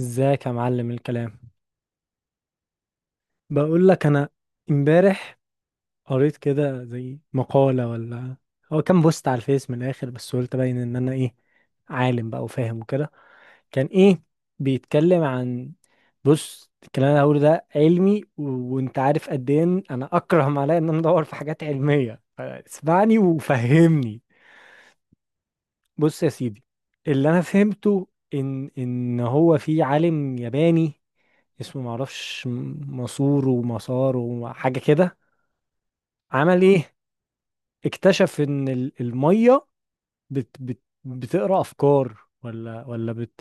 ازيك يا معلم الكلام؟ بقول لك انا امبارح قريت كده زي مقالة ولا هو كان بوست على الفيس. من الاخر بس قلت باين ان انا ايه، عالم بقى وفاهم وكده. كان ايه بيتكلم عن، بص الكلام اللي هقوله ده علمي و... وانت عارف قد ايه إن انا اكره ما عليا ان انا ادور في حاجات علمية. اسمعني وفهمني. بص يا سيدي، اللي انا فهمته ان هو في عالم ياباني اسمه معرفش مسور ومسار وحاجة كده. عمل ايه؟ اكتشف ان المية بت بت بتقرا افكار ولا بت،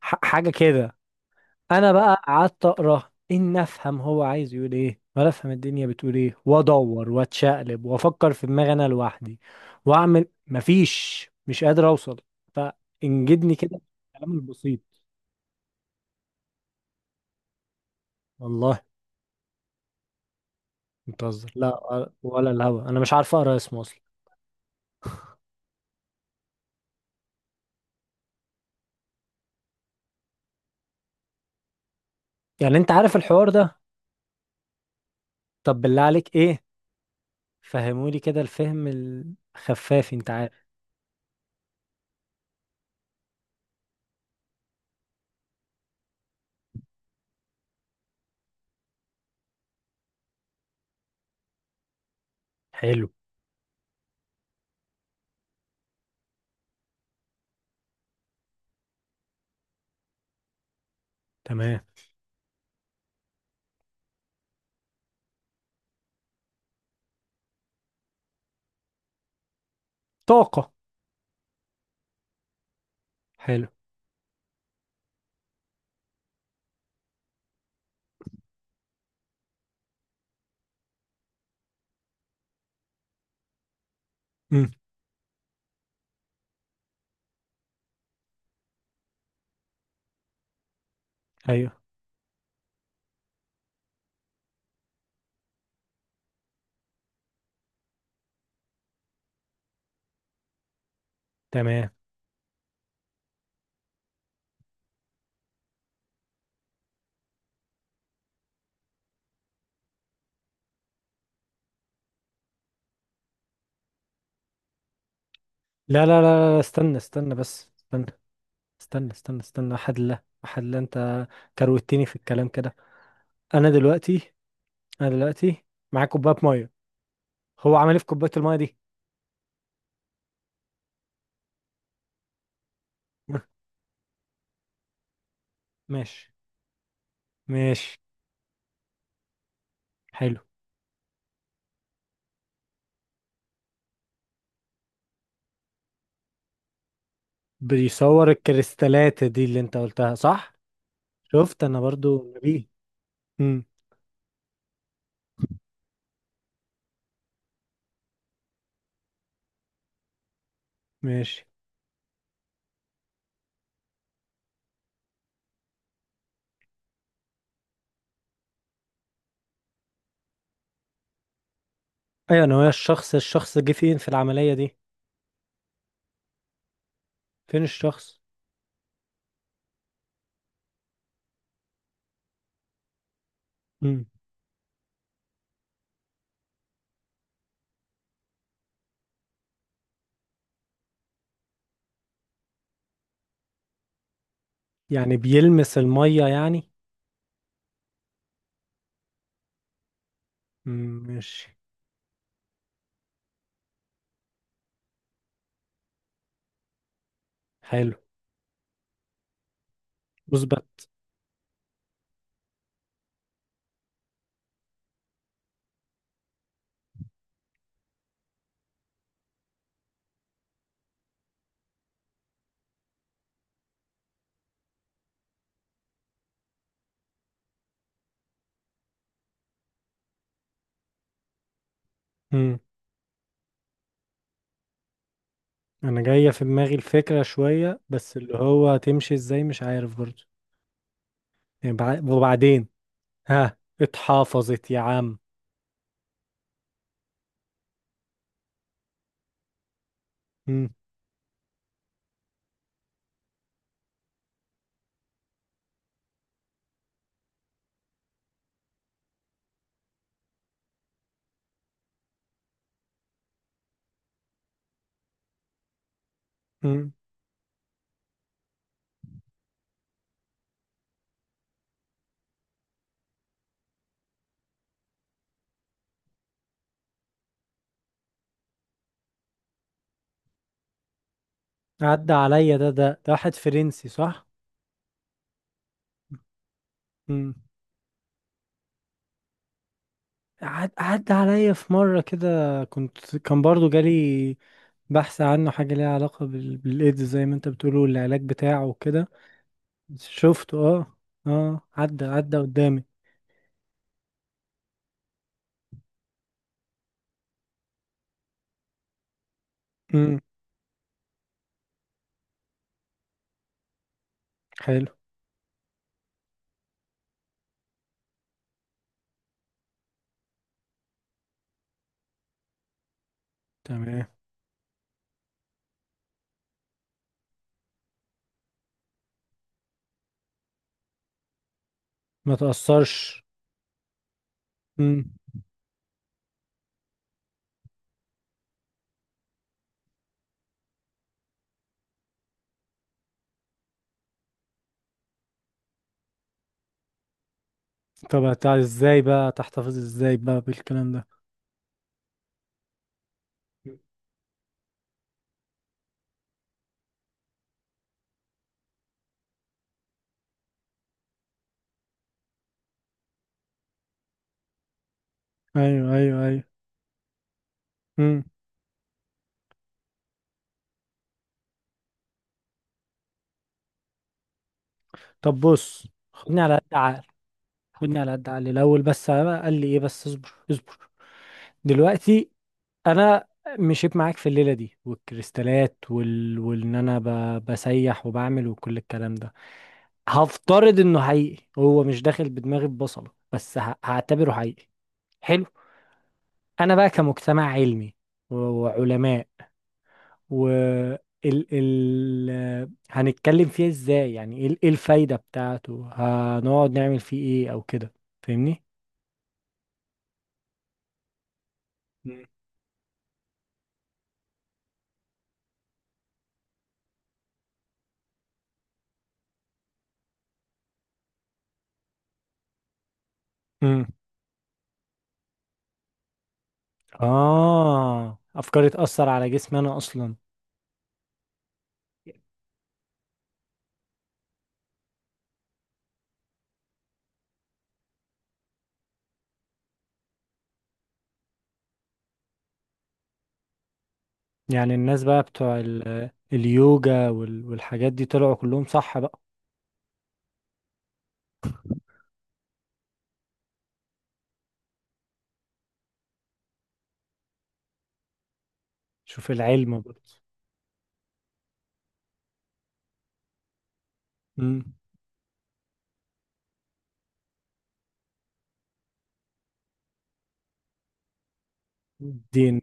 حاجة كده. انا بقى قعدت اقرا ان افهم هو عايز يقول ايه، ولا افهم الدنيا بتقول ايه، وادور واتشقلب وافكر في دماغي انا لوحدي واعمل، مفيش، مش قادر اوصل. فانجدني كده الكلام البسيط. والله؟ بتهزر لا ولا الهوا، انا مش عارف اقرا اسمه اصلا. يعني انت عارف الحوار ده؟ طب بالله عليك، ايه؟ فهمولي كده الفهم الخفاف، انت عارف. حلو. تمام. طاقة. حلو. امم. ايوه. تمام. لا لا لا لا، استنى استنى بس، استنى استنى استنى استنى وحد لا وحد لا، انت كروتني في الكلام كده. انا دلوقتي، انا دلوقتي معايا كوباية مية، هو عمل ايه في كوباية المية دي؟ مه. ماشي. ماشي. حلو. بيصور الكريستالات دي اللي انت قلتها، صح؟ شفت انا برضو نبيه. امم. ماشي. ايوه انا، هو الشخص، الشخص جه فين في العملية دي؟ فين الشخص؟ مم. يعني بيلمس المية يعني؟ ماشي. حلو. مثبت؟ مم. انا جاية في دماغي الفكرة شوية، بس اللي هو تمشي ازاي مش عارف برضه. يعني وبعدين ها اتحافظت يا عم؟ مم. مم. عدى عليا، ده واحد فرنسي، صح؟ مم. عدى عليا في مرة كده، كنت كان برضو جالي بحث عنه، حاجة ليها علاقة بالإيدز زي ما انت بتقوله، والعلاج بتاعه وكده. شفته، اه. اه، عدى عدى قدامي. امم. حلو. تمام. ما تأثرش. امم. طب ازاي بقى تحتفظ ازاي بقى بالكلام ده؟ ايوه ايوه ايوه. امم. طب بص، خدني على قد عقل، خدني على قد عقل الاول بس، بقى قال لي ايه بس؟ اصبر اصبر. دلوقتي انا مشيت معاك في الليله دي، والكريستالات وال... وان انا ب... بسيح وبعمل وكل الكلام ده، هفترض انه حقيقي، هو مش داخل بدماغي، ببصله بس، هعتبره حقيقي. حلو. انا بقى كمجتمع علمي و وعلماء و ال هنتكلم فيه ازاي؟ يعني ايه إيه الفايدة بتاعته؟ هنقعد نعمل فيه ايه او كده؟ فاهمني؟ امم. اه، افكاري تأثر على جسمي انا اصلا؟ يعني الناس بقى بتوع اليوجا والحاجات دي طلعوا كلهم صح بقى؟ شوف العلم برضه. امم.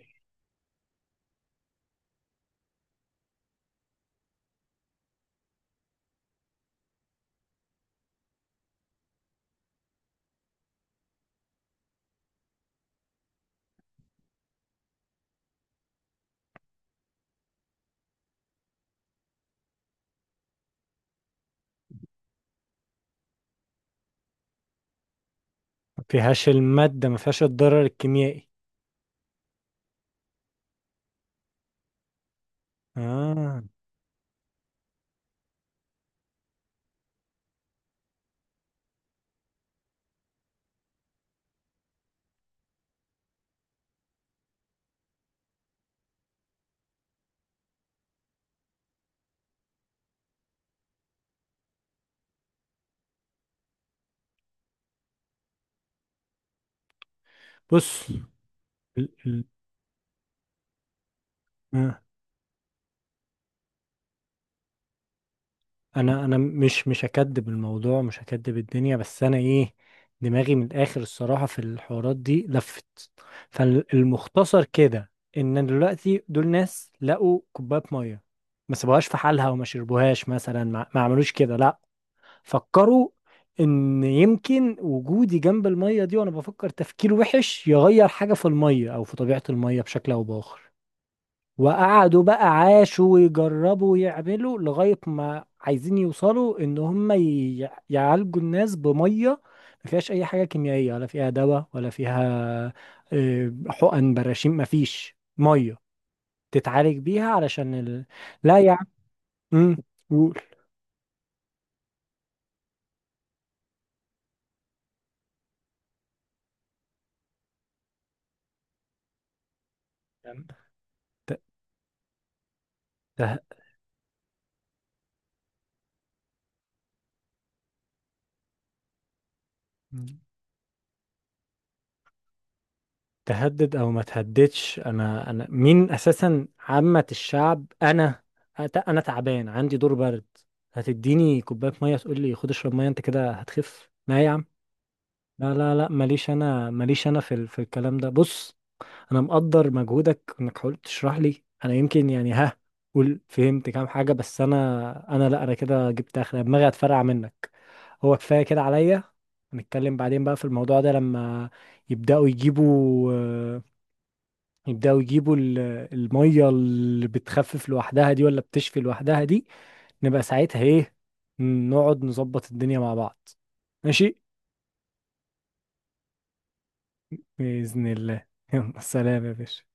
ما فيهاش المادة، ما فيهاش الضرر الكيميائي. آه. بص ال... ال... آه. أنا مش هكدب الموضوع، مش هكدب الدنيا، بس أنا إيه، دماغي من الآخر الصراحة في الحوارات دي لفت. فالمختصر كده، إن دلوقتي دول ناس لقوا كوباية مية، ما سابوهاش في حالها وما شربوهاش مثلا، ما عملوش كده، لا، فكروا ان يمكن وجودي جنب المية دي وانا بفكر تفكير وحش يغير حاجة في المية او في طبيعة المية بشكل او باخر. وقعدوا بقى عاشوا ويجربوا ويعملوا لغاية ما عايزين يوصلوا ان هم يعالجوا الناس بمية ما فيهاش اي حاجة كيميائية، ولا فيها دواء، ولا فيها آه، حقن براشيم، ما فيش مية تتعالج بيها علشان ال... لا يا عم. مم، قول. ت- ت- تهدد او ما تهددش، انا انا مين اساسا؟ عامة الشعب انا، انا تعبان عندي دور برد، هتديني كوباية مية تقول لي خد اشرب مية انت كده هتخف؟ لا يا عم. لا لا لا، ماليش انا، ماليش انا في في الكلام ده. بص، انا مقدر مجهودك انك حاولت تشرح لي، انا يمكن يعني ها، قول فهمت كام حاجة، بس انا انا لا، انا كده جبت اخر دماغي، هتفرقع منك. هو كفاية كده عليا. نتكلم بعدين بقى في الموضوع ده، لما يبدأوا يجيبوا، يبداوا يجيبوا الميه اللي بتخفف لوحدها دي، ولا بتشفي لوحدها دي. نبقى ساعتها ايه، نقعد نظبط الدنيا مع بعض. ماشي. بإذن الله. يلا سلام يا باشا.